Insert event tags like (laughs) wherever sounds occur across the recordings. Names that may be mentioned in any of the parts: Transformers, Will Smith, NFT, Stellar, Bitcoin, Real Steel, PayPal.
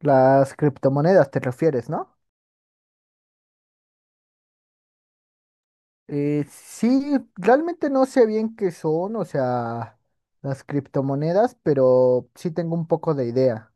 Las criptomonedas te refieres, ¿no? Sí, realmente no sé bien qué son, o sea, las criptomonedas, pero sí tengo un poco de idea.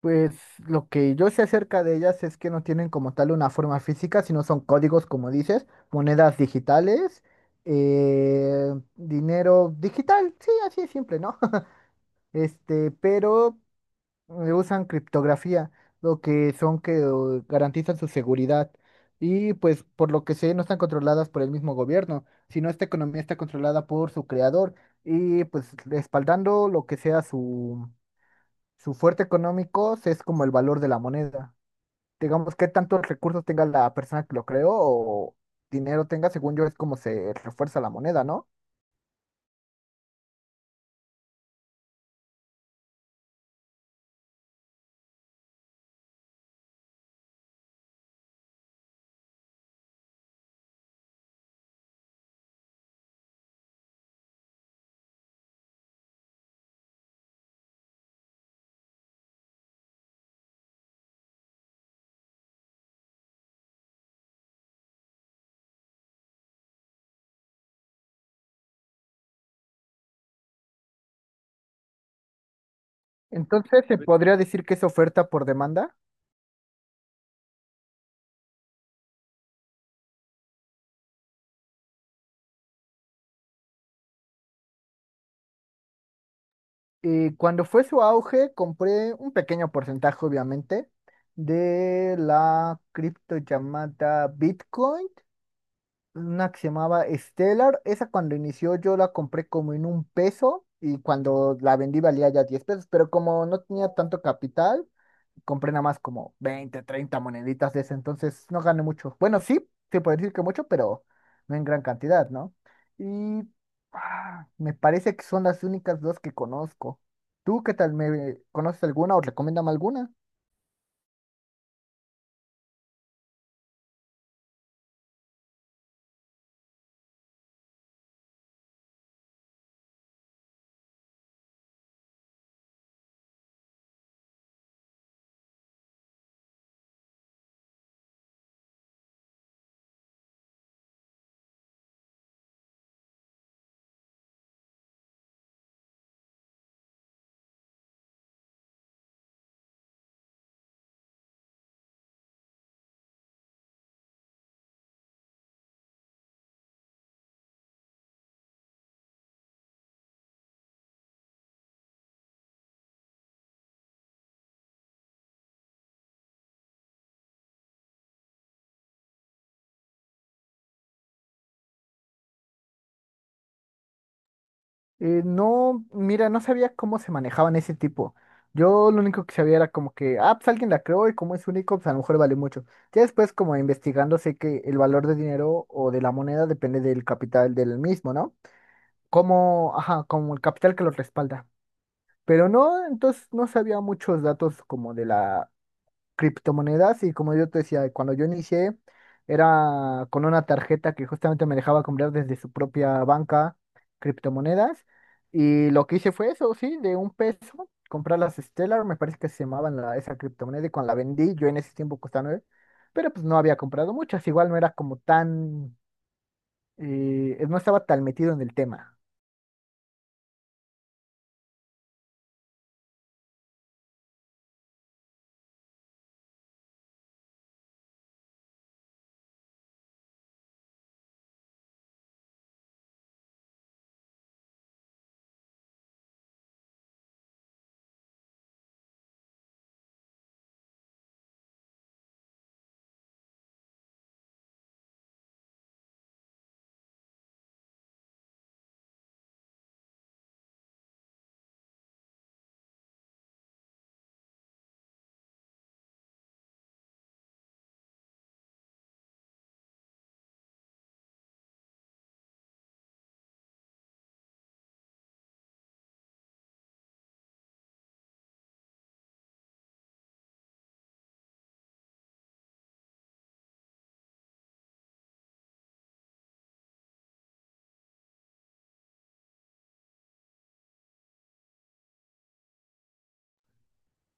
Pues lo que yo sé acerca de ellas es que no tienen como tal una forma física, sino son códigos, como dices, monedas digitales, dinero digital, sí, así es simple, ¿no? (laughs) Este, pero usan criptografía, lo que son que garantizan su seguridad. Y pues por lo que sé, no están controladas por el mismo gobierno, sino esta economía está controlada por su creador. Y pues respaldando lo que sea su fuerte económico, es como el valor de la moneda. Digamos, qué tantos recursos tenga la persona que lo creó o dinero tenga, según yo, es como se refuerza la moneda, ¿no? Entonces, ¿se podría decir que es oferta por demanda? Y cuando fue su auge, compré un pequeño porcentaje, obviamente, de la cripto llamada Bitcoin, una que se llamaba Stellar. Esa cuando inició yo la compré como en un peso y cuando la vendí valía ya 10 pesos, pero como no tenía tanto capital, compré nada más como 20, 30 moneditas de ese, entonces no gané mucho. Bueno, sí, se puede decir que mucho, pero no en gran cantidad, ¿no? Y me parece que son las únicas dos que conozco. ¿Tú qué tal? ¿Me conoces alguna o recomiéndame alguna? No, mira, no sabía cómo se manejaban ese tipo. Yo lo único que sabía era como que, pues alguien la creó y como es único, pues a lo mejor vale mucho. Ya después, como investigando, sé que el valor de dinero o de la moneda depende del capital del mismo, ¿no? Como, ajá, como el capital que lo respalda. Pero no, entonces no sabía muchos datos como de la criptomonedas y como yo te decía, cuando yo inicié era con una tarjeta que justamente me dejaba comprar desde su propia banca criptomonedas y lo que hice fue eso, sí, de un peso, comprar las Stellar, me parece que se llamaban la, esa criptomoneda y cuando la vendí, yo en ese tiempo costaba nueve, pero pues no había comprado muchas, igual no era como tan, no estaba tan metido en el tema.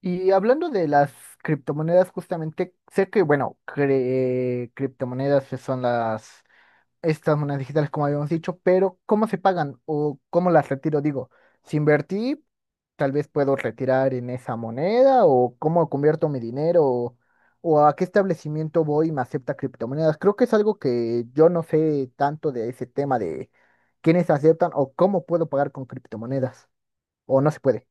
Y hablando de las criptomonedas, justamente, sé que, bueno, cre- criptomonedas que son las, estas monedas digitales, como habíamos dicho, pero ¿cómo se pagan o cómo las retiro? Digo, si invertí, tal vez puedo retirar en esa moneda o cómo convierto mi dinero o a qué establecimiento voy y me acepta criptomonedas. Creo que es algo que yo no sé tanto de ese tema de quiénes aceptan o cómo puedo pagar con criptomonedas o no se puede.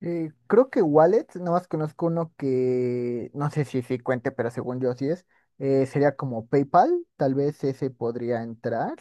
Creo que wallets, nada más conozco uno que no sé si sí cuente, pero según yo sí es. Sería como PayPal, tal vez ese podría entrar.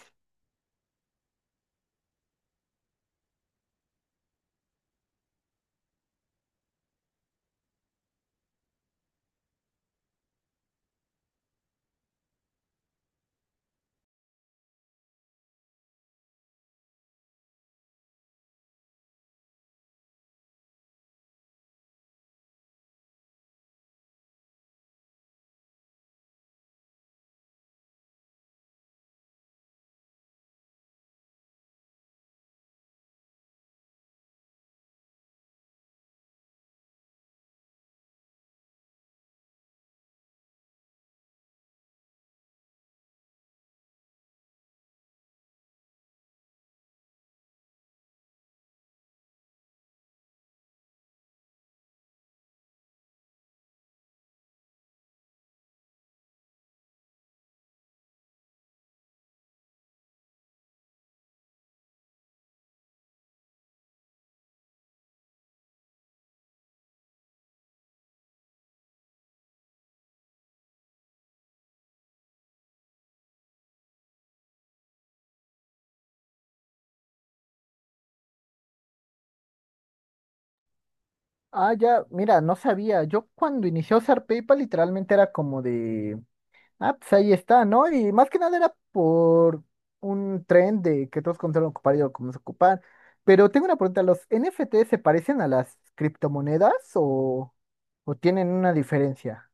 Ah, ya, mira, no sabía. Yo cuando inicié a usar PayPal literalmente era como de, pues ahí está, ¿no? Y más que nada era por un tren de que todos comenzaron a ocupar y yo comencé a ocupar. Pero tengo una pregunta, ¿los NFT se parecen a las criptomonedas o tienen una diferencia?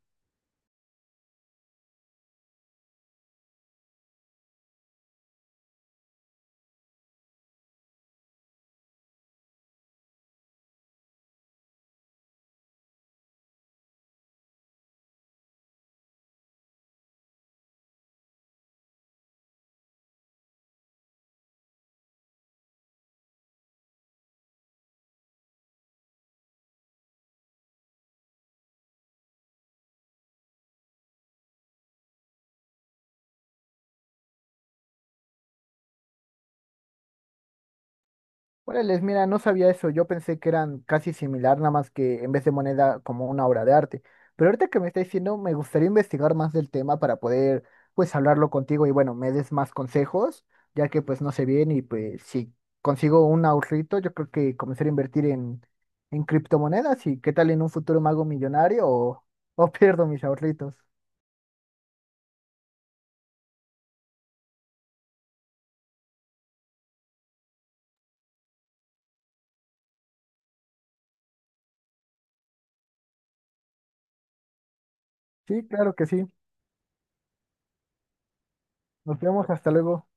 Órales, mira, no sabía eso. Yo pensé que eran casi similar, nada más que en vez de moneda como una obra de arte. Pero ahorita que me está diciendo, me gustaría investigar más del tema para poder, pues, hablarlo contigo y bueno, me des más consejos, ya que pues no sé bien y pues si consigo un ahorrito, yo creo que comenzar a invertir en criptomonedas y qué tal en un futuro me hago millonario o, (laughs) o pierdo mis ahorritos. Sí, claro que sí. Nos vemos, hasta luego.